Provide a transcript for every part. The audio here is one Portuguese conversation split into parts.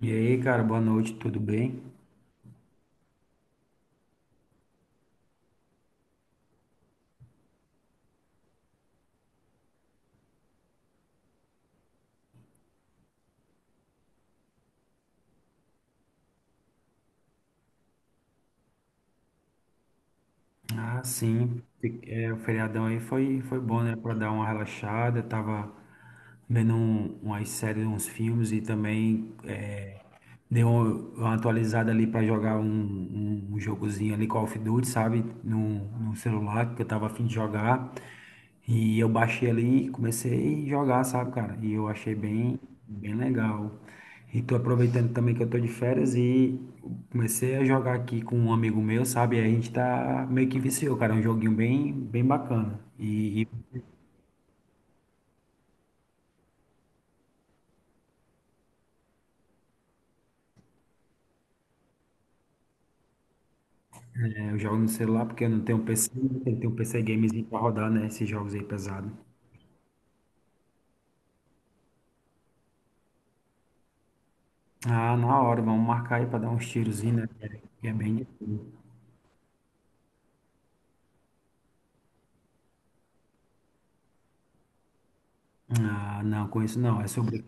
E aí, cara, boa noite, tudo bem? Ah, sim, o feriadão aí foi bom, né? Pra dar uma relaxada, tava vendo umas séries, uns filmes e também dei uma atualizada ali para jogar um jogozinho ali, Call of Duty, sabe? No, no celular, porque eu tava afim de jogar. E eu baixei ali e comecei a jogar, sabe, cara? E eu achei bem, bem legal. E tô aproveitando também que eu tô de férias e comecei a jogar aqui com um amigo meu, sabe? E a gente tá meio que viciou, cara. É um joguinho bem, bem bacana. Eu jogo no celular porque eu não tenho PC, tem que ter um PC gamezinho pra rodar, né? Esses jogos aí pesados. Ah, na hora, vamos marcar aí pra dar uns tirozinhos, né? Que é bem difícil. Ah, não, conheço não. É sobre.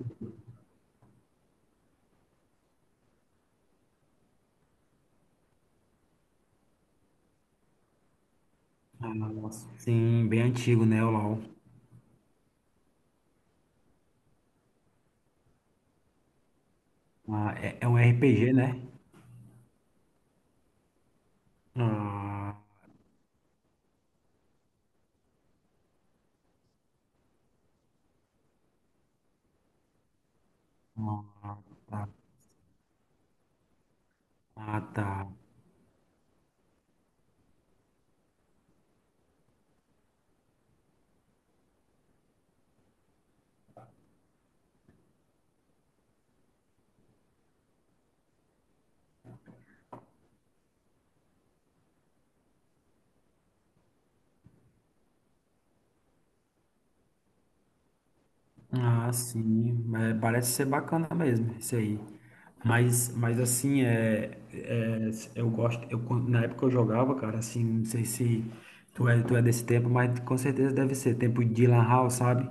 Ah, nossa. Sim, bem antigo, né? O LOL. Ah, é um RPG, né? Ah, ah, tá. Ah, tá. Ah, sim, mas parece ser bacana mesmo isso aí. Mas assim, eu gosto, na época eu jogava, cara, assim, não sei se tu é desse tempo, mas com certeza deve ser, tempo de Lan House, sabe?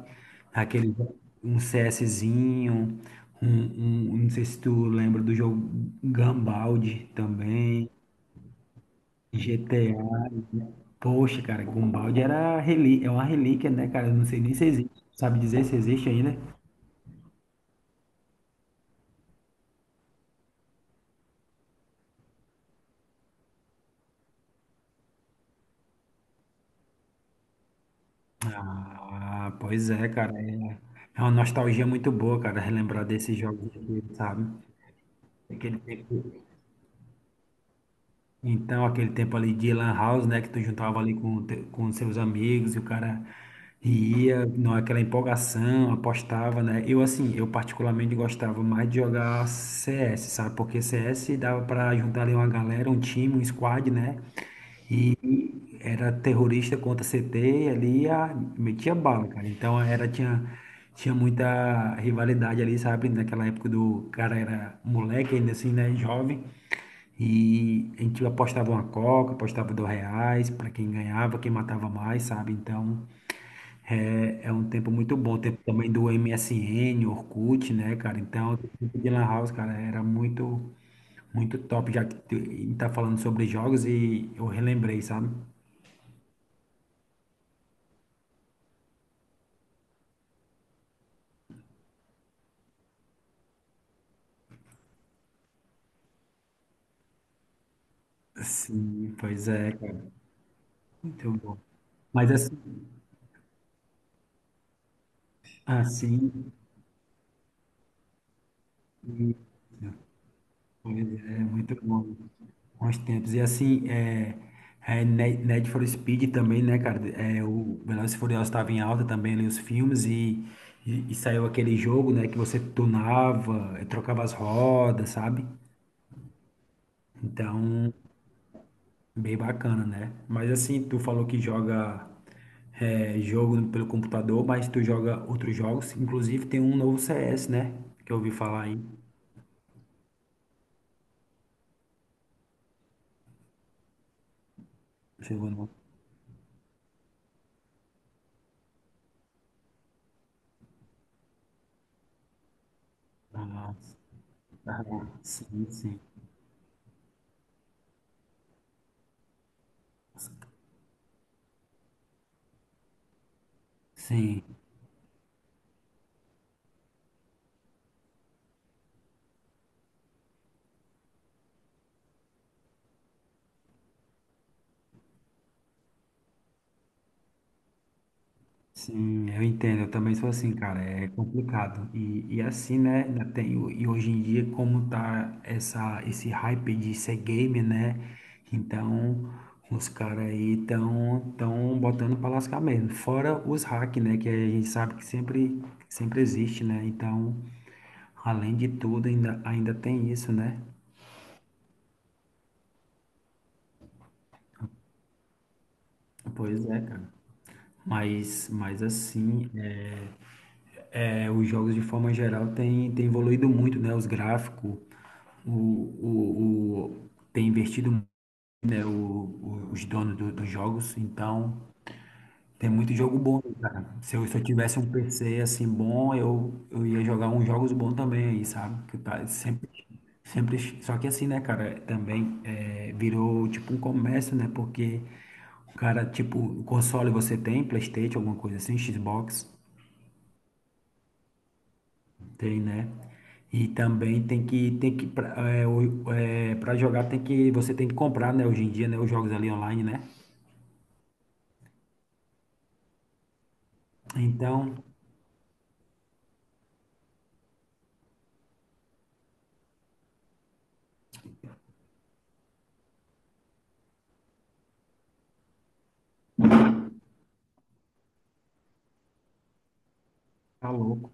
Aquele, um CSzinho, não sei se tu lembra do jogo Gumball também, GTA, poxa, cara, Gumball era relí é uma relíquia, né, cara, eu não sei nem se existe. Sabe dizer se existe ainda? Ah, pois é, cara. É uma nostalgia muito boa, cara, relembrar desses jogos aqui, sabe? Aquele tempo, então, aquele tempo ali de Lan House, né? Que tu juntava ali com seus amigos e o cara ia, não, aquela empolgação, apostava, né? Eu, assim, eu particularmente gostava mais de jogar CS, sabe? Porque CS dava pra juntar ali uma galera, um time, um squad, né? E era terrorista contra CT, ali metia bala, cara. Então tinha muita rivalidade ali, sabe? Naquela época do cara era moleque ainda assim, né? Jovem. E a gente apostava uma coca, apostava R$ 2 para quem ganhava, quem matava mais, sabe? Então é um tempo muito bom. Tempo também do MSN, Orkut, né, cara? Então, o tempo de Lan House, cara, era muito, muito top, já que a gente tá falando sobre jogos e eu relembrei, sabe? Sim, pois é, cara. Muito bom. Mas assim, isso, pois é muito bom. Bons tempos. E assim, Need for Speed também, né, cara? É, o Velozes e Furiosos estava em alta também ali, os filmes, e saiu aquele jogo, né, que você tunava, trocava as rodas, sabe? Então. Bem bacana, né? Mas assim, tu falou que joga jogo pelo computador, mas tu joga outros jogos. Inclusive tem um novo CS, né? Que eu ouvi falar aí. Chegou no. Ah, ah, sim, sim. Sim. Sim, eu entendo, eu também sou assim, cara, é complicado. E assim, né, e hoje em dia, como tá esse hype de ser game, né, então os caras aí estão tão tão botando pra lascar mesmo. Fora os hack, né, que a gente sabe que sempre, sempre existe, né, então, além de tudo, ainda tem isso, né? Pois é, cara. Mas assim, os jogos de forma geral têm evoluído muito, né, os gráficos, tem investido muito, né, os donos dos jogos, então tem muito jogo bom, cara. Se eu tivesse um PC assim bom, eu ia jogar uns jogos bons também aí, sabe? Que tá sempre, sempre, só que assim, né, cara, também virou tipo um comércio, né? Porque o cara, tipo, o console você tem, PlayStation, alguma coisa assim, Xbox. Tem, né? E também tem que pra, é, o- é, pra jogar tem que, você tem que comprar, né? Hoje em dia, né? Os jogos ali online, né? Então, tá louco,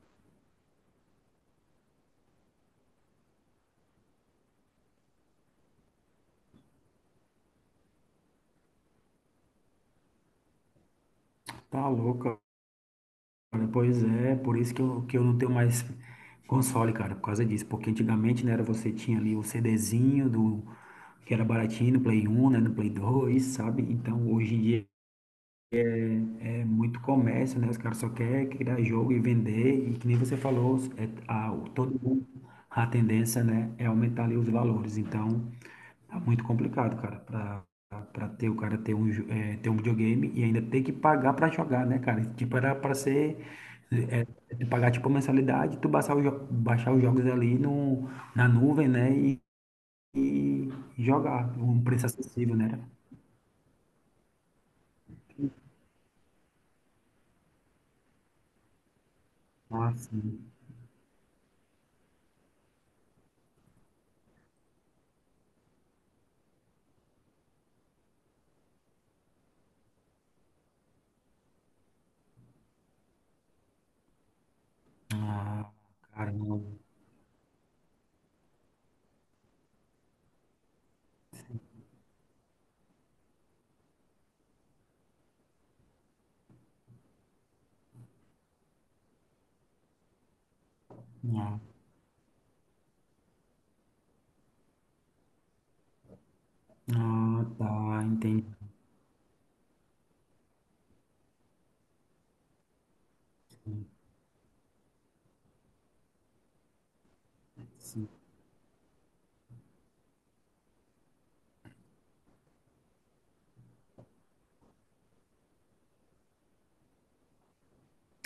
tá louco, cara. Pois é, por isso que eu não tenho mais console, cara, por causa disso. Porque antigamente, né, era você tinha ali o CDzinho do, que era baratinho no Play 1, né? No Play 2, sabe? Então, hoje em dia é muito comércio, né? Os caras só querem criar jogo e vender, e que nem você falou, todo mundo, a tendência, né, é aumentar ali os valores. Então, tá muito complicado, cara, pra ter o cara ter ter um videogame e ainda ter que pagar pra jogar, né, cara? Tipo, era pra ser, tu pagar tipo mensalidade, tu baixar, baixar os jogos ali no, na nuvem, né, e jogar, um preço acessível, né? Nossa, ah, cara, não. Ah, tá, entendi. Sim.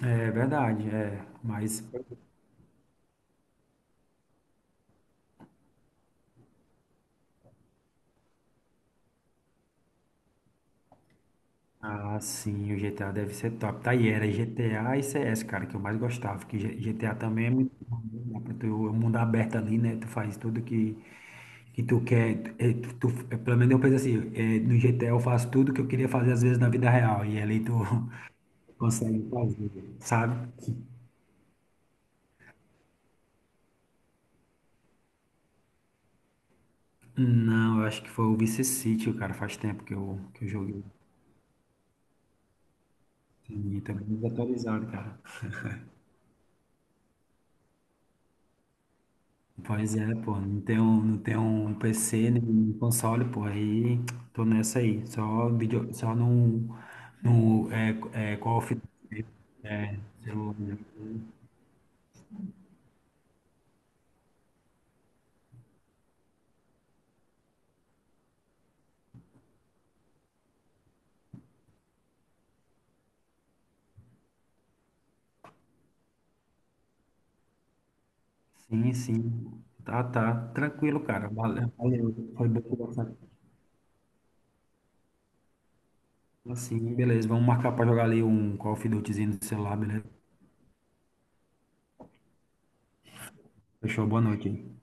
É verdade, é. Mas, ah, sim, o GTA deve ser top. Tá aí, era GTA e CS, cara, que eu mais gostava. Que GTA também é muito bom, né? Dá pra tu, o mundo aberto ali, né? Tu faz tudo que tu quer. É, pelo menos eu penso assim, no GTA eu faço tudo que eu queria fazer às vezes na vida real. E ali tu consegue fazer, sabe? Não, eu acho que foi o Vice City, cara. Faz tempo que eu joguei. Sim, tá bem desatualizado, cara. Pois é, pô, não tem um PC nem um console, pô, aí tô nessa aí, só vídeo, só num é, Call of Duty, é, celular. Sim, sim, tá, tá, tranquilo, cara, valeu, valeu, foi bom conversar assim, beleza, vamos marcar pra jogar ali um Call of Dutyzinho no celular, beleza? Fechou, boa noite.